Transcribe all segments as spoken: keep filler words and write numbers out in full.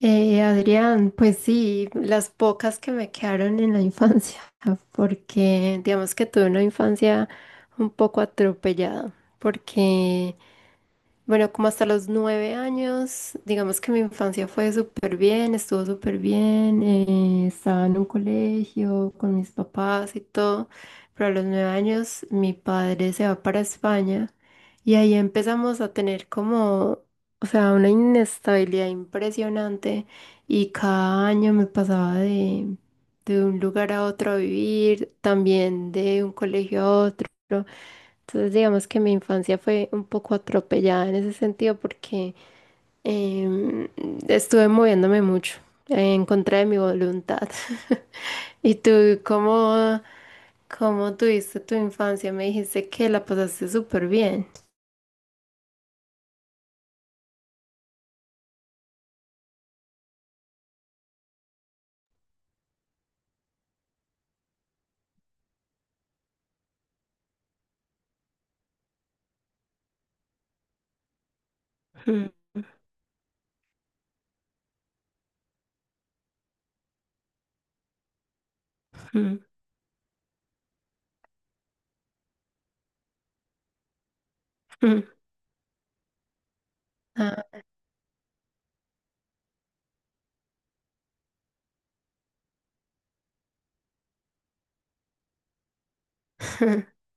Eh, Adrián, pues sí, las pocas que me quedaron en la infancia, porque digamos que tuve una infancia un poco atropellada, porque bueno, como hasta los nueve años, digamos que mi infancia fue súper bien, estuvo súper bien, eh, estaba en un colegio con mis papás y todo, pero a los nueve años mi padre se va para España y ahí empezamos a tener como, o sea, una inestabilidad impresionante y cada año me pasaba de, de un lugar a otro a vivir, también de un colegio a otro. Entonces, digamos que mi infancia fue un poco atropellada en ese sentido porque em, estuve moviéndome mucho eh, en contra de mi voluntad. ¿Y tú cómo, cómo tuviste tu infancia? Me dijiste que la pasaste súper bien. Mm, mm, mm. Ah,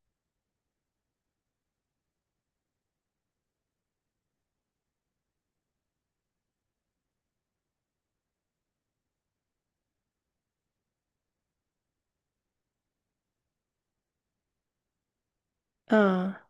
ah,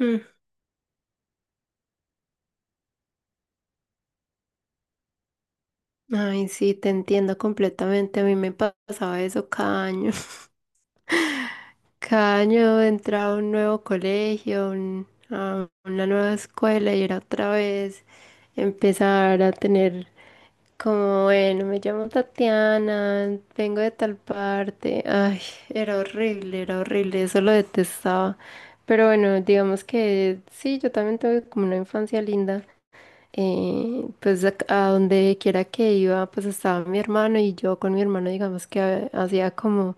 mm. Ay, sí, te entiendo completamente. A mí me pasaba eso cada año. Cada año entraba a un nuevo colegio, un- a una nueva escuela y era otra vez empezar a tener como, bueno, me llamo Tatiana, vengo de tal parte. Ay, era horrible, era horrible, eso lo detestaba. Pero bueno, digamos que sí, yo también tuve como una infancia linda eh, pues a, a donde quiera que iba, pues estaba mi hermano y yo con mi hermano, digamos que ha- hacía como,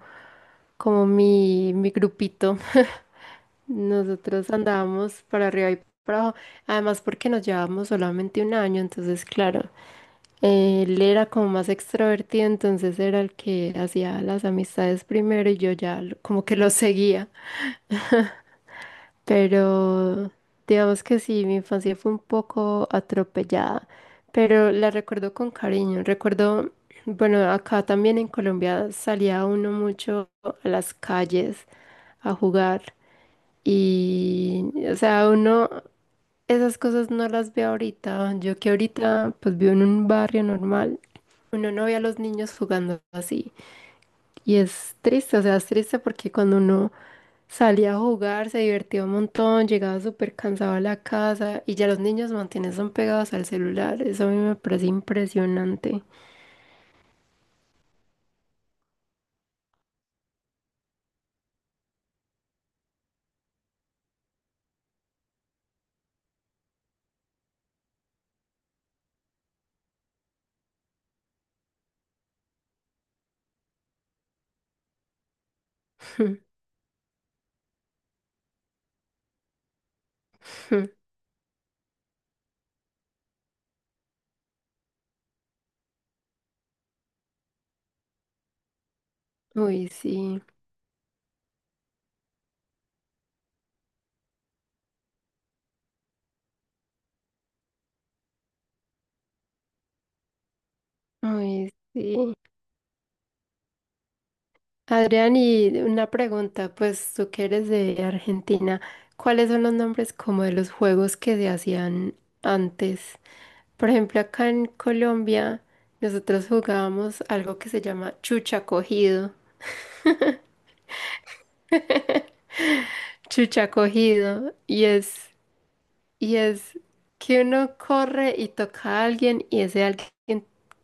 como mi, mi grupito. Nosotros andábamos para arriba y para abajo, además porque nos llevábamos solamente un año, entonces claro, eh, él era como más extrovertido, entonces era el que hacía las amistades primero y yo ya lo- como que lo seguía. Pero digamos que sí, mi infancia fue un poco atropellada, pero la recuerdo con cariño. Recuerdo, bueno, acá también en Colombia salía uno mucho a las calles a jugar y, o sea, uno, esas cosas no las ve ahorita. Yo que ahorita pues vivo en un barrio normal, uno no ve a los niños jugando así. Y es triste, o sea, es triste porque cuando uno salía a jugar se divertía un montón, llegaba súper cansado a la casa y ya los niños mantienen son pegados al celular. Eso a mí me parece impresionante. Uy, sí, uy, sí. Adrián, y una pregunta, pues tú que eres de Argentina, ¿cuáles son los nombres como de los juegos que se hacían antes? Por ejemplo, acá en Colombia nosotros jugábamos algo que se llama chucha cogido. Chucha cogido y es, y es que uno corre y toca a alguien y ese alguien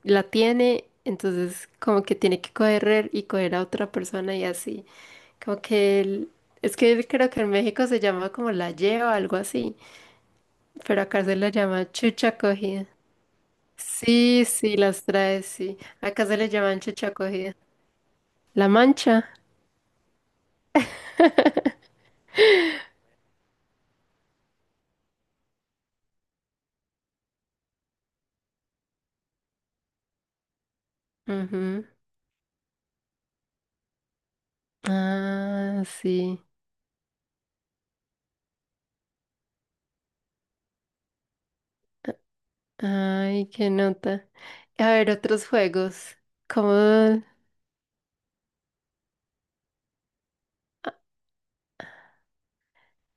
la tiene, entonces como que tiene que correr y coger a otra persona y así. Como que el- es que creo que en México se llama como la lleva, algo así, pero acá se la llama chucha cogida. Sí, sí, las trae, sí. Acá se le llaman chucha cogida. La mancha. Ujú. Ah, sí. Ay, qué nota. A ver, otros juegos, como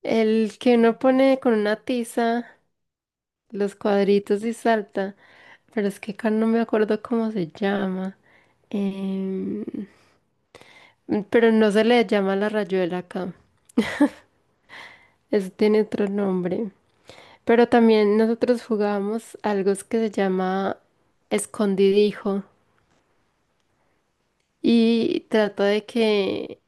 el que uno pone con una tiza los cuadritos y salta, pero es que acá no me acuerdo cómo se llama. Em, pero no se le llama la rayuela acá, eso tiene otro nombre. Pero también nosotros jugábamos algo que se llama escondidijo y trata de que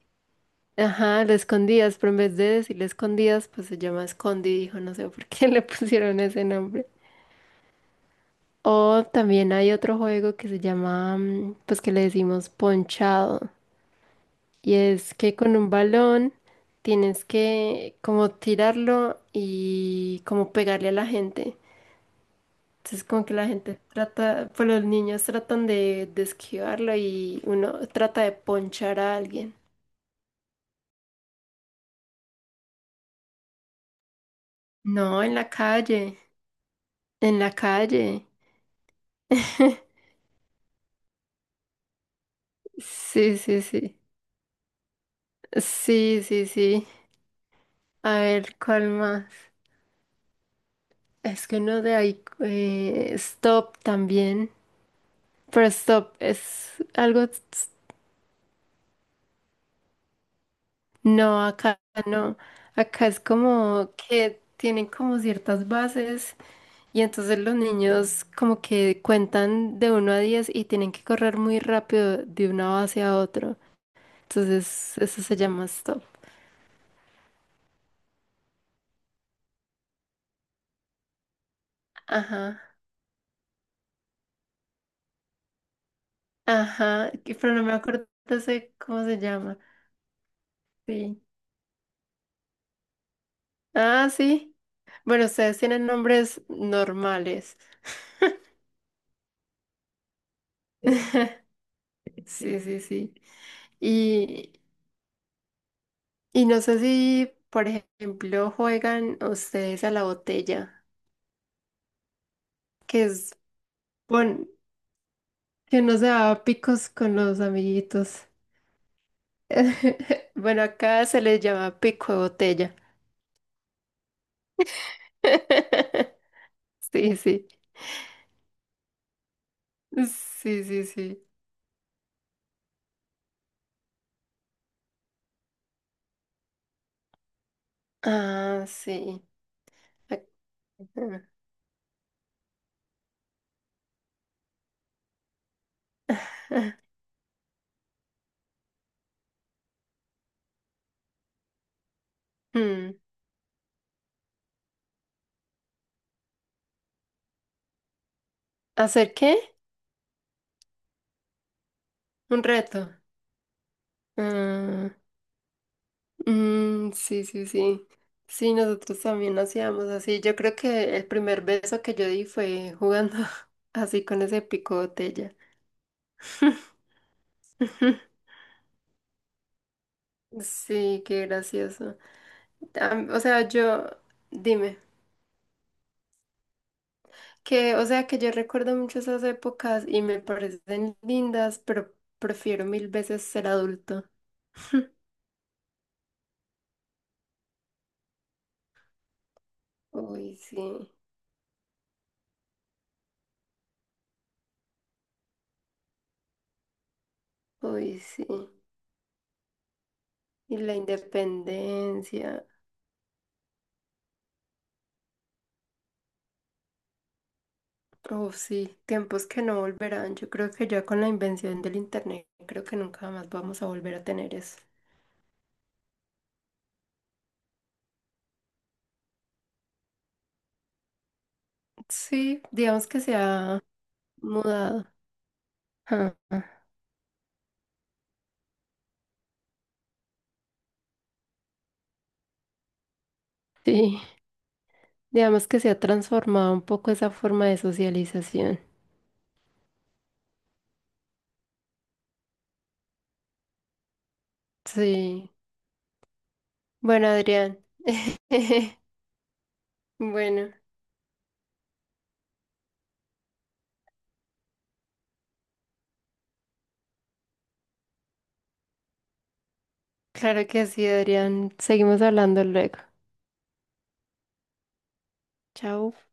ajá, lo escondías, pero en vez de decirle escondías, pues se llama escondi, dijo no sé por qué le pusieron ese nombre. O también hay otro juego que se llama, mm, pues que le decimos ponchado, y es que con un balón tienes que como tirarlo y como pegarle a la gente. Entonces como que la gente trata, pues los niños tratan de, de esquivarlo y uno trata de ponchar a alguien. No, en la calle, en la calle. Sí, sí, sí. Sí, sí, sí. A ver, ¿cuál más? Es que no de ahí. Eh, stop también. Pero stop es algo. s- No, acá no. Acá es como que tienen como ciertas bases y entonces los niños como que cuentan de uno a diez y tienen que correr muy rápido de una base a otra. Entonces, eso se llama stop. Ajá. Ajá. que- Pero no me acuerdo de ese- cómo se llama. Sí. Ah, sí. Bueno, ustedes tienen nombres normales. Sí. Sí, sí, sí. Y, y no sé si, por ejemplo, juegan ustedes a la botella, que es, bueno, que no se da picos con los amiguitos. Bueno, acá se les llama pico de botella. Sí, sí. Sí, sí, sí. Ah, sí. Ac- Hmm, ¿hacer qué? Un reto. Ah, mm, sí, sí, sí. Sí, nosotros también hacíamos así. Yo creo que el primer beso que yo di fue jugando así con ese pico botella. Sí, qué gracioso. Am- O sea, yo, dime, que, o sea, que yo recuerdo mucho esas épocas y me parecen lindas, pero prefiero mil veces ser adulto. Uy, sí, uy, sí. Y la independencia. Oh, sí, tiempos que no volverán. Yo creo que ya con la invención del internet, creo que nunca más vamos a volver a tener eso. Sí, digamos que se ha mudado. Ah, ah, sí, digamos que se ha transformado un poco esa forma de socialización. Sí. Bueno, Adrián. Bueno, claro que sí, Adrián. Seguimos hablando luego. Chao.